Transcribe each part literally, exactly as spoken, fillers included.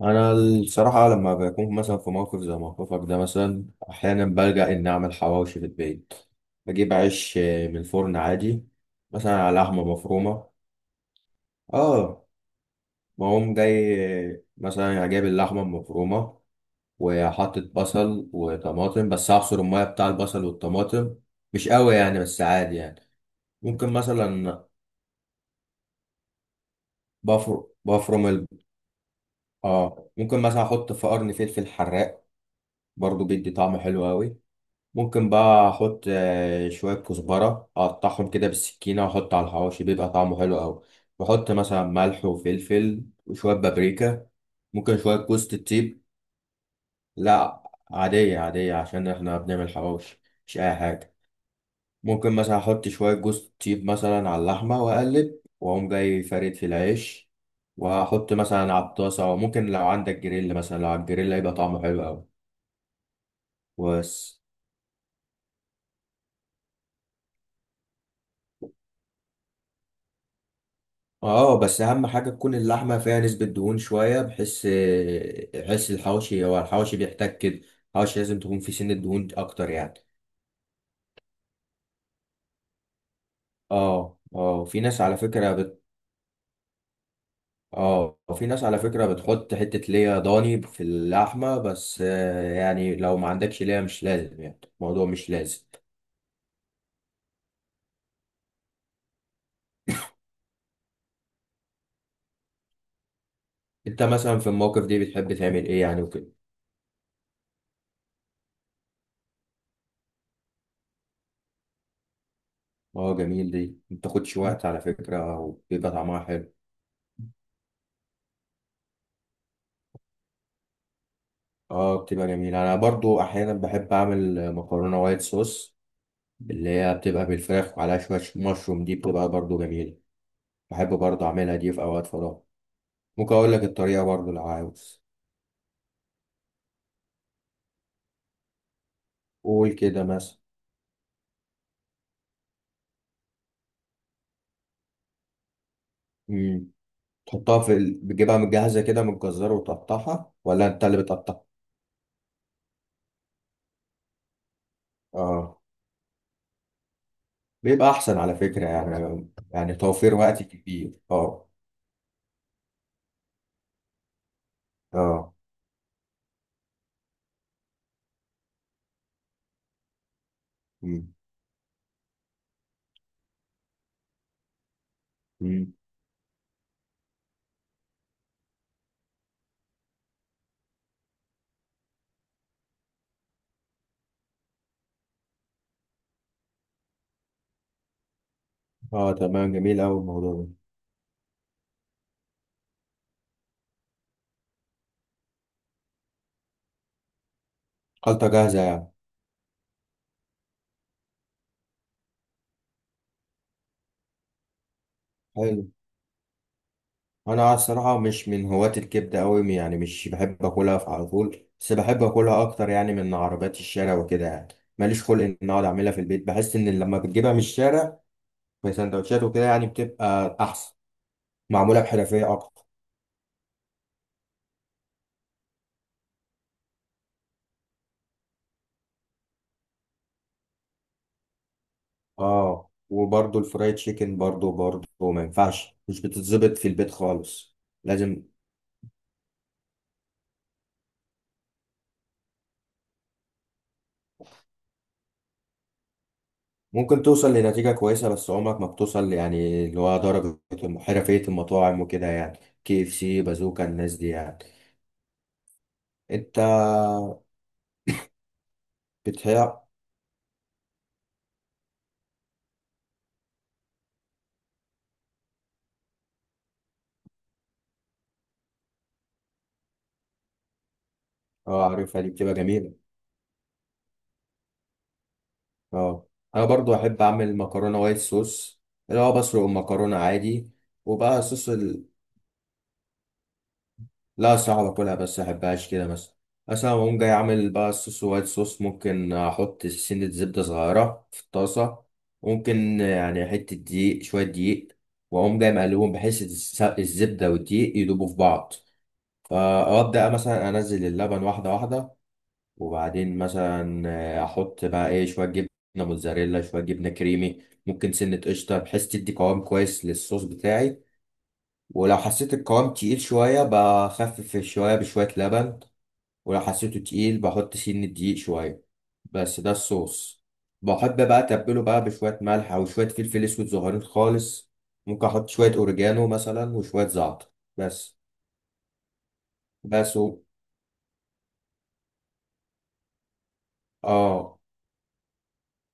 انا الصراحه لما بكون مثلا في موقف زي موقفك ده مثلا احيانا بلجأ اني اعمل حواوشي في البيت. بجيب عيش آه، من الفرن عادي، مثلا على لحمه مفرومه. اه، بقوم جاي. آه، مثلا جايب اللحمه المفرومه وحاطط بصل وطماطم، بس اعصر الميه بتاع البصل والطماطم، مش قوي يعني بس عادي يعني. ممكن مثلا بفر بفرم ال... اه ممكن مثلا احط في قرن فلفل حراق، برضو بيدي طعم حلو قوي. ممكن بقى احط آه، شويه كزبره اقطعهم كده بالسكينه واحط على الحواوشي، بيبقى طعمه حلو قوي. واحط مثلا ملح وفلفل وشويه بابريكا، ممكن شويه جوز الطيب. لا، عاديه عاديه عشان احنا بنعمل حواوشي، مش اي حاجه. ممكن مثلا احط شويه جوز الطيب مثلا على اللحمه واقلب، واقوم جاي فارد في العيش، واحط مثلا على الطاسه. وممكن لو عندك جريل، مثلا لو على الجريل هيبقى طعمه حلو قوي. بس. اه بس اهم حاجه تكون اللحمه فيها نسبه دهون شويه، بحيث بحيث الحواشي، هو الحواشي بيحتاج كده. الحواشي لازم تكون في سن الدهون اكتر يعني. اه اه في ناس على فكره بت... اه في ناس على فكره بتحط حته ليا ضاني في اللحمه، بس آه، يعني لو ما عندكش ليا مش لازم، يعني الموضوع مش لازم. انت مثلا في الموقف دي بتحب تعمل ايه يعني وكده؟ اه جميل، دي ما بتاخدش وقت على فكره وبيبقى طعمها حلو. اه بتبقى جميلة، انا برضو احيانا بحب اعمل مكرونة وايت صوص، اللي هي بتبقى بالفراخ وعليها شوية مشروم. دي بتبقى برضو جميلة. بحب برضو اعملها دي في اوقات فراغ. ممكن اقول لك الطريقة برضو لو عاوز. قول كده مثلا. امم. تحطها في ال... بتجيبها متجهزة كده من الجزار وتقطعها، ولا انت اللي بتقطعها؟ اه بيبقى احسن على فكرة، يعني يعني توفير وقت كبير، اه. اه. امم. امم. اه تمام، جميل اوي الموضوع ده. خلطة جاهزة يعني؟ حلو. انا الصراحه مش من هواة الكبده قوي يعني، مش بحب اكلها في على طول، بس بحب اكلها اكتر يعني من عربيات الشارع وكده يعني. ماليش خلق ان اقعد اعملها في البيت، بحس ان لما بتجيبها من الشارع في سندوتشات وكده يعني بتبقى احسن، معموله بحرفيه اكتر. اه وبرضه الفرايد تشيكن، برضه برضه ما ينفعش، مش بتتظبط في البيت خالص. لازم. ممكن توصل لنتيجه كويسه، بس عمرك ما بتوصل يعني اللي هو درجه حرفيه المطاعم وكده، يعني كي اف سي، بازوكا، الناس دي يعني. انت بتهيأ. اه عارفها، دي بتبقى جميلة. اه انا برضو احب اعمل مكرونة وايت صوص، اللي هو بسلق المكرونة عادي. وبقى صوص ال... لا، صعب اكلها بس، احبهاش كده مثلا. مثلا اقوم جاي اعمل بقى الصوص وايت صوص، ممكن احط سنة زبدة صغيرة في الطاسة، ممكن يعني حتة دقيق شوية دقيق، واقوم جاي مقلبهم بحيث الس- الزبدة والدقيق يدوبوا في بعض. فابدا مثلا انزل اللبن واحدة واحدة، وبعدين مثلا آه، احط بقى ايه، شويه جبنه موتزاريلا، شويه جبنه كريمي، ممكن سنه قشطه، بحيث تدي قوام كويس للصوص بتاعي. ولو حسيت القوام تقيل شويه بخفف شويه بشويه لبن، ولو حسيته تقيل بحط سن دقيق شويه. بس ده الصوص. بحب بقى اتبله بقى بشويه ملح او شويه فلفل اسود صغيرين خالص. ممكن احط شويه اوريجانو مثلا وشويه زعتر. بس. بس و... اه.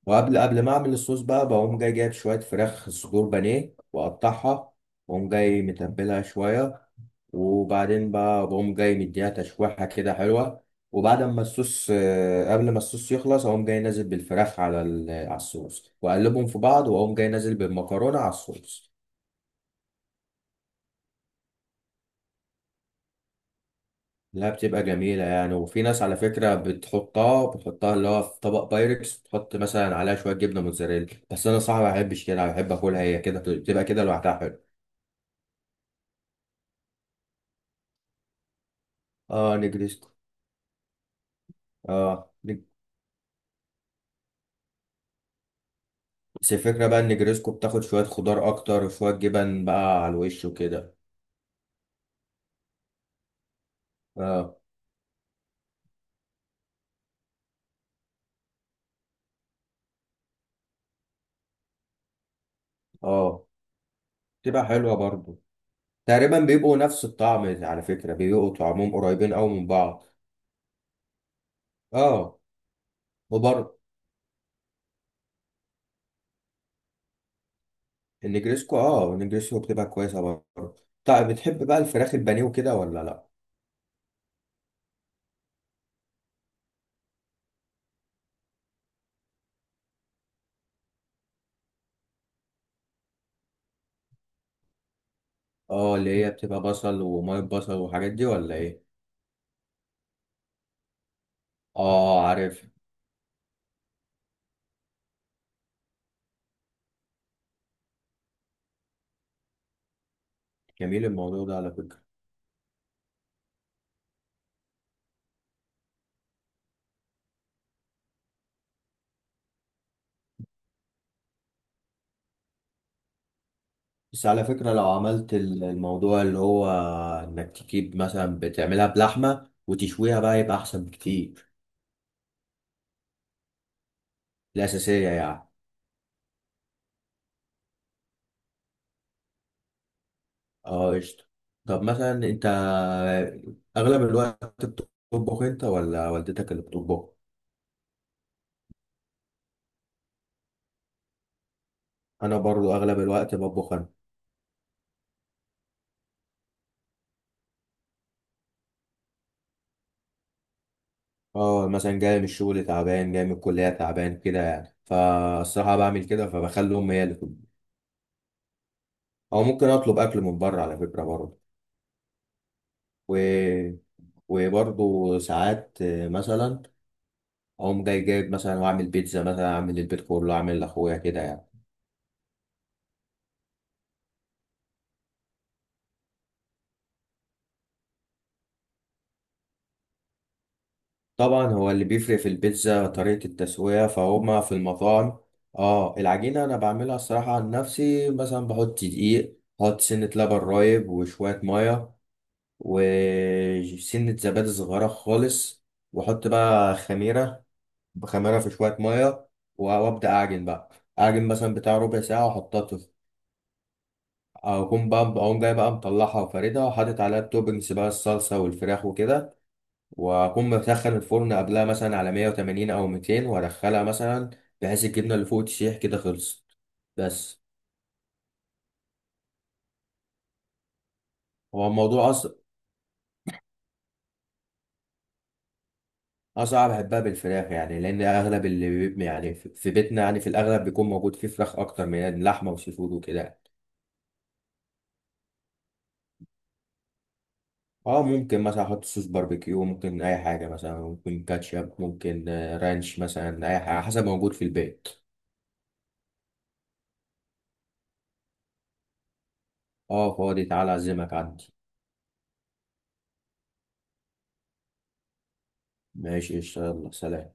وقبل قبل ما اعمل الصوص بقى، بقوم جاي جايب شويه فراخ صدور بانيه واقطعها، واقوم جاي متبلها شويه، وبعدين بقى بقوم جاي مديها تشويحه كده حلوه. وبعد ما الصوص آه، قبل ما الصوص يخلص اقوم جاي نازل بالفراخ على ال- على الصوص، واقلبهم في بعض، واقوم جاي نازل بالمكرونه على الصوص. لا بتبقى جميله يعني. وفي ناس على فكره بتحطها بتحطها اللي هو في طبق بايركس، تحط مثلا عليها شويه جبنه موتزاريلا. بس انا صراحه ما بحبش كده، بحب اكلها هي كده، بتبقى كده لوحدها حلو. اه نجريسكو. اه نج- بس الفكرة بقى ان نجريسكو بتاخد شوية خضار اكتر وشوية جبن بقى على الوش وكده. اه اه تبقى حلوة برضو. تقريبا بيبقوا نفس الطعم على فكرة، بيبقوا طعمهم قريبين قوي من بعض. اه. وبرضه النجريسكو، اه النجريسكو بتبقى كويسة برضه. طيب، بتحب بقى الفراخ البانيه وكده، ولا لا؟ اه، اللي هي بتبقى بصل ومية بصل والحاجات دي، ولا ايه؟ اه عارف. جميل الموضوع ده على فكرة. بس على فكرة لو عملت ال- الموضوع اللي هو انك تجيب مثلا بتعملها بلحمة وتشويها بقى، يبقى احسن بكتير. الاساسية يعني. اه قشطة. طب مثلا انت اغلب الوقت بتطبخ انت، ولا والدتك اللي بتطبخ؟ انا برضو اغلب الوقت بطبخ انا. اه مثلا جاي من الشغل تعبان، جاي من الكلية تعبان، كده يعني، فالصراحة بعمل كده فبخلي امي هي اللي تطبخ، او ممكن اطلب اكل من بره على فكرة برضو. و... وبرضو ساعات مثلا اقوم جاي جايب مثلا واعمل بيتزا، مثلا اعمل البيت كله، اعمل لاخويا كده يعني. طبعا هو اللي بيفرق في البيتزا طريقة التسوية، فهما في المطاعم. اه العجينة انا بعملها الصراحة عن نفسي، مثلا بحط دقيق، بحط سنة لبن رايب وشوية مية، وسنة زبادي صغيرة خالص، واحط بقى خميرة، بخميرة في شوية مية، وابدأ اعجن بقى، اعجن مثلا بتاع ربع ساعة واحطها. اقوم بقى اقوم جاي بقى مطلعها وفاردها وحاطط عليها التوبنجز بقى، الصلصه والفراخ وكده. واقوم مسخن الفرن قبلها مثلا على مية وتمانين او ميتين وادخلها مثلا، بحيث الجبنه اللي فوق تسيح كده. خلصت. بس. هو الموضوع اصلا اصعب. بحبها بالفراخ يعني، لان اغلب اللي بي- يعني في في بيتنا يعني في الاغلب بيكون موجود فيه فراخ اكتر من لحمه وسي فود وكده يعني. اه ممكن مثلا احط صوص باربيكيو، ممكن اي حاجه، مثلا ممكن كاتشب، ممكن آه، رانش مثلا، اي حاجه حسب موجود في البيت. اه فاضي، تعالى اعزمك عندي. ماشي قشطة، يلا سلام.